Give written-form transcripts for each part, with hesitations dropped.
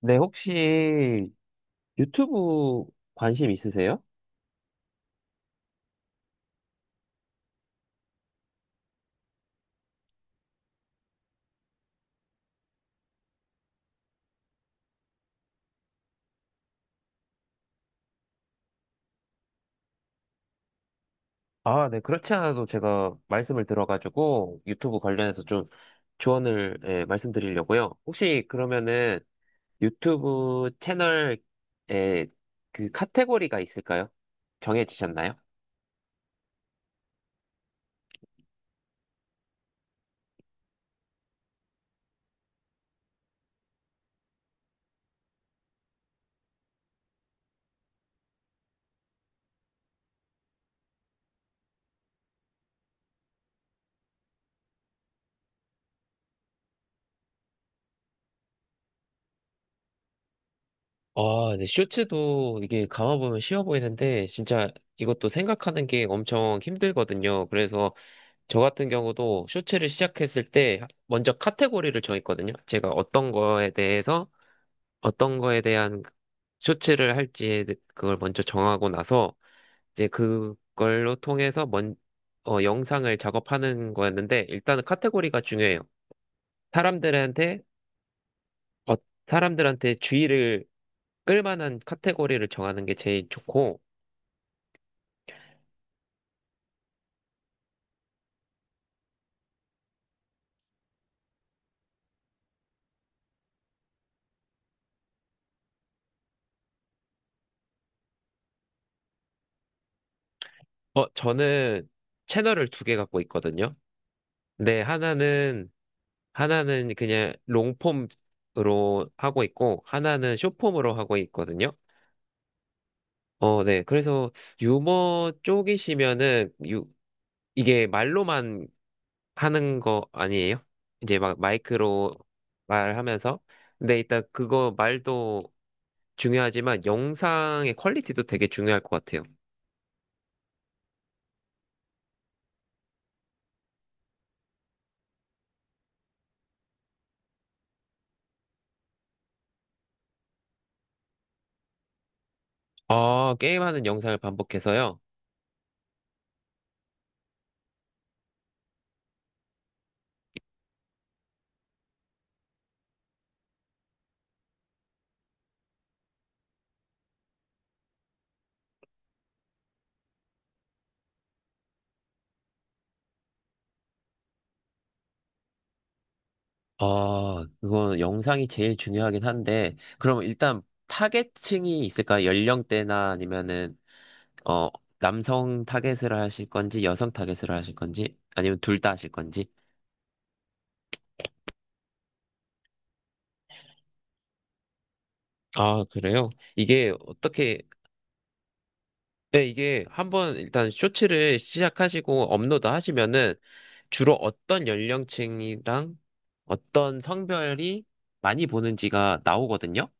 네, 혹시 유튜브 관심 있으세요? 아, 네, 그렇지 않아도 제가 말씀을 들어가지고 유튜브 관련해서 좀 조언을 예, 말씀드리려고요. 혹시 그러면은 유튜브 채널에 그 카테고리가 있을까요? 정해지셨나요? 아, 네. 쇼츠도 이게 감아보면 쉬워 보이는데, 진짜 이것도 생각하는 게 엄청 힘들거든요. 그래서 저 같은 경우도 쇼츠를 시작했을 때 먼저 카테고리를 정했거든요. 제가 어떤 거에 대해서 어떤 거에 대한 쇼츠를 할지 그걸 먼저 정하고 나서 이제 그걸로 통해서 먼, 영상을 작업하는 거였는데 일단은 카테고리가 중요해요. 사람들한테 어, 사람들한테 주의를 끌만한 카테고리를 정하는 게 제일 좋고 저는 채널을 두 개 갖고 있거든요. 근데 하나는 그냥 롱폼으로 하고 있고, 하나는 숏폼으로 하고 있거든요. 어, 네. 그래서 유머 쪽이시면은, 유, 이게 말로만 하는 거 아니에요? 이제 막 마이크로 말하면서. 근데 일단 그거 말도 중요하지만 영상의 퀄리티도 되게 중요할 것 같아요. 어, 게임하는 영상을 반복해서요. 아, 그건 영상이 제일 중요하긴 한데, 그럼 일단 타겟층이 있을까? 연령대나 아니면은, 어, 남성 타겟을 하실 건지, 여성 타겟을 하실 건지, 아니면 둘 다 하실 건지? 아, 그래요? 이게 어떻게, 네, 이게 한번 일단 쇼츠를 시작하시고 업로드 하시면은 주로 어떤 연령층이랑 어떤 성별이 많이 보는지가 나오거든요?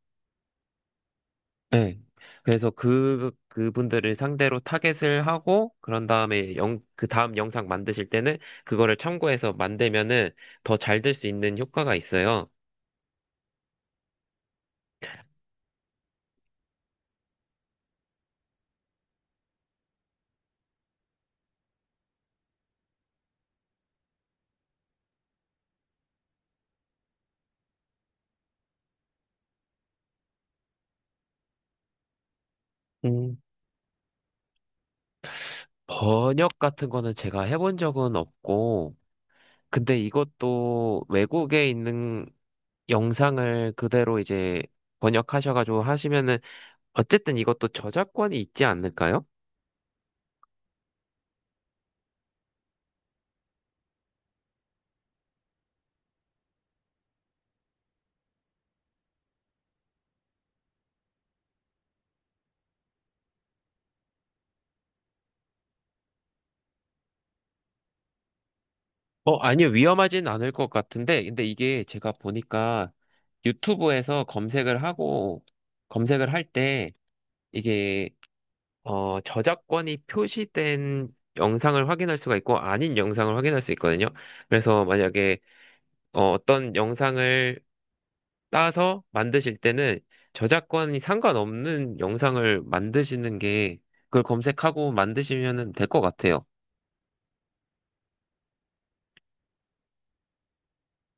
네. 그래서 그, 그분들을 상대로 타겟을 하고, 그런 다음에 영, 그 다음 영상 만드실 때는 그거를 참고해서 만들면은 더 잘 될 수 있는 효과가 있어요. 음, 번역 같은 거는 제가 해본 적은 없고, 근데 이것도 외국에 있는 영상을 그대로 이제 번역하셔가지고 하시면은, 어쨌든 이것도 저작권이 있지 않을까요? 어, 아니요. 위험하진 않을 것 같은데, 근데 이게 제가 보니까 유튜브에서 검색을 하고, 검색을 할 때, 이게, 저작권이 표시된 영상을 확인할 수가 있고, 아닌 영상을 확인할 수 있거든요. 그래서 만약에, 어떤 영상을 따서 만드실 때는 저작권이 상관없는 영상을 만드시는 게, 그걸 검색하고 만드시면 될 것 같아요.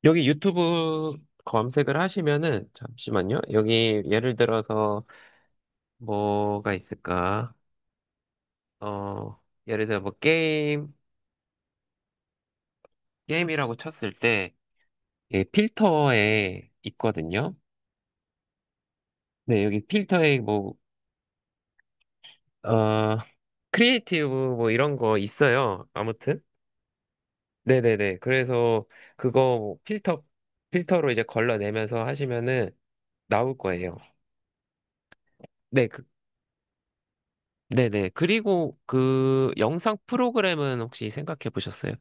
여기 유튜브 검색을 하시면은, 잠시만요. 여기 예를 들어서 뭐가 있을까? 어, 예를 들어 뭐 게임, 게임이라고 쳤을 때, 예, 필터에 있거든요. 네, 여기 필터에 뭐, 어, 크리에이티브 뭐 이런 거 있어요. 아무튼. 네네네. 그래서 그거 필터, 필터로 이제 걸러내면서 하시면은 나올 거예요. 네, 그 네네. 그리고 그 영상 프로그램은 혹시 생각해 보셨어요?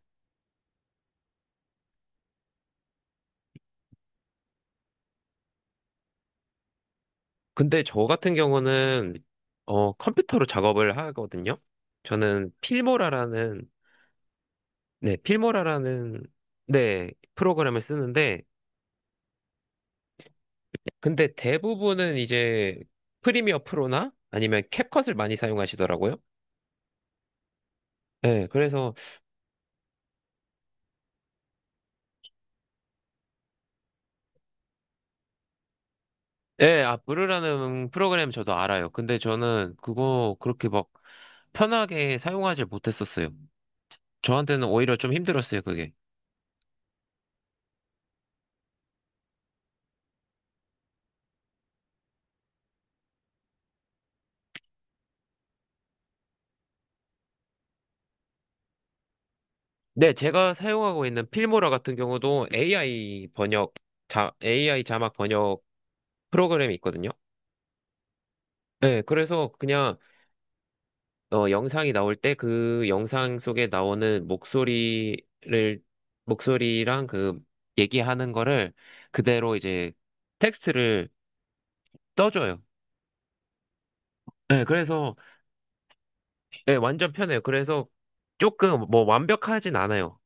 근데 저 같은 경우는 어 컴퓨터로 작업을 하거든요. 저는 필모라라는 네, 필모라라는 네, 프로그램을 쓰는데 근데 대부분은 이제 프리미어 프로나 아니면 캡컷을 많이 사용하시더라고요. 네, 그래서 네, 아 브루라는 프로그램 저도 알아요. 근데 저는 그거 그렇게 막 편하게 사용하지 못했었어요. 저한테는 오히려 좀 힘들었어요, 그게. 네, 제가 사용하고 있는 필모라 같은 경우도 AI 번역, 자, AI 자막 번역 프로그램이 있거든요. 네, 그래서 그냥 영상이 나올 때 그 영상 속에 나오는 목소리를, 목소리랑 그 얘기하는 거를 그대로 이제 텍스트를 써줘요. 네, 그래서 네, 완전 편해요. 그래서 조금 뭐 완벽하진 않아요.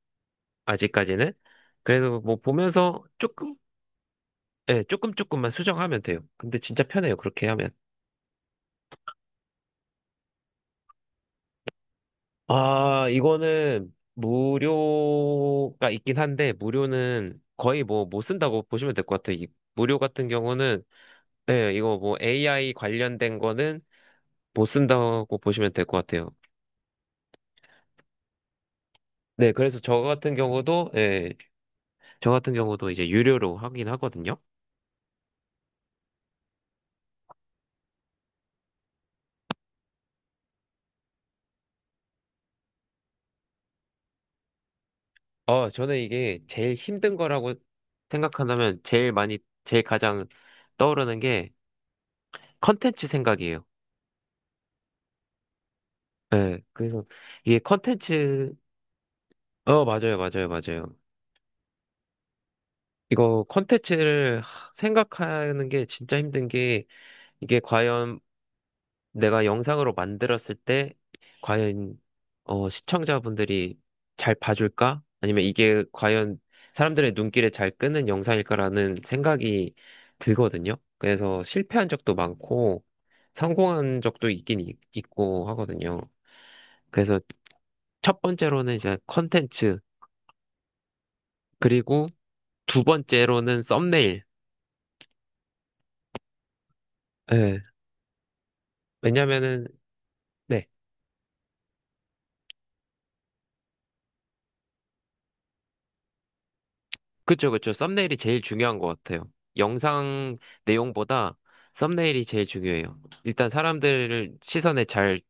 아직까지는. 그래서 뭐 보면서 조금 네, 조금만 수정하면 돼요. 근데 진짜 편해요. 그렇게 하면. 아, 이거는 무료가 있긴 한데, 무료는 거의 뭐 못 쓴다고 보시면 될 것 같아요. 이 무료 같은 경우는, 네, 이거 뭐 AI 관련된 거는 못 쓴다고 보시면 될 것 같아요. 네, 그래서 저 같은 경우도, 예, 저 같은 경우도 이제 유료로 하긴 하거든요. 어, 저는 이게 제일 힘든 거라고 생각한다면 제일 많이, 제일 가장 떠오르는 게 컨텐츠 생각이에요. 네, 그래서 이게 컨텐츠, 어, 맞아요, 맞아요, 맞아요. 이거 생각하는 게 진짜 힘든 게 이게 과연 내가 영상으로 만들었을 때 과연 시청자분들이 잘 봐줄까? 아니면 이게 과연 사람들의 눈길에 잘 끄는 영상일까라는 생각이 들거든요. 그래서 실패한 적도 많고 성공한 적도 있고 하거든요. 그래서 첫 번째로는 이제 컨텐츠 그리고 두 번째로는 썸네일. 예. 왜냐면은, 네. 그쵸, 그쵸. 썸네일이 제일 중요한 것 같아요. 영상 내용보다 썸네일이 제일 중요해요. 일단 사람들을 시선에 잘,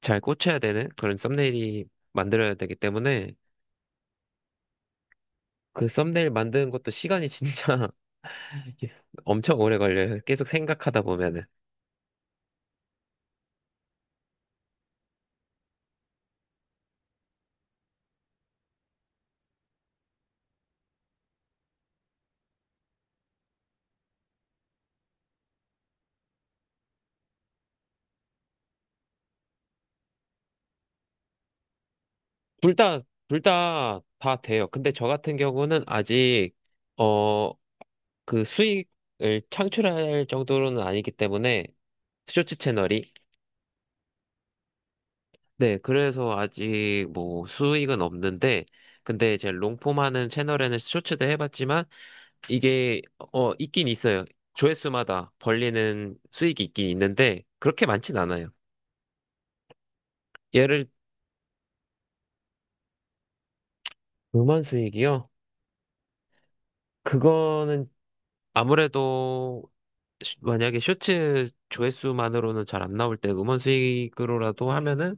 잘 꽂혀야 되는 그런 썸네일이 만들어야 되기 때문에 그 썸네일 만드는 것도 시간이 진짜 엄청 오래 걸려요. 계속 생각하다 보면은. 둘 다, 둘 다, 다 돼요. 근데 저 같은 경우는 아직, 어, 그 수익을 창출할 정도로는 아니기 때문에 쇼츠 채널이. 네, 그래서 아직 뭐 수익은 없는데, 근데 제 롱폼 하는 채널에는 쇼츠도 해봤지만, 이게, 어, 있긴 있어요. 조회수마다 벌리는 수익이 있긴 있는데, 그렇게 많진 않아요. 예를, 음원 수익이요? 그거는 아무래도, 만약에 쇼츠 조회수만으로는 잘 안 나올 때 음원 수익으로라도 하면은,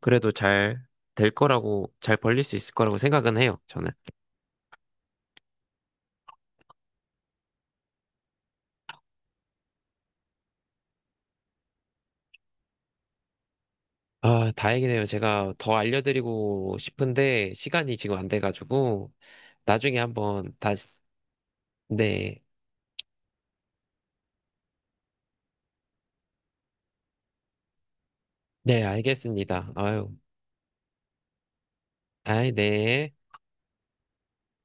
그래도 잘 될 거라고, 잘 벌릴 수 있을 거라고 생각은 해요, 저는. 아, 다행이네요. 제가 더 알려드리고 싶은데, 시간이 지금 안 돼가지고, 나중에 한번 다시, 네, 네, 알겠습니다. 아유, 아이, 네.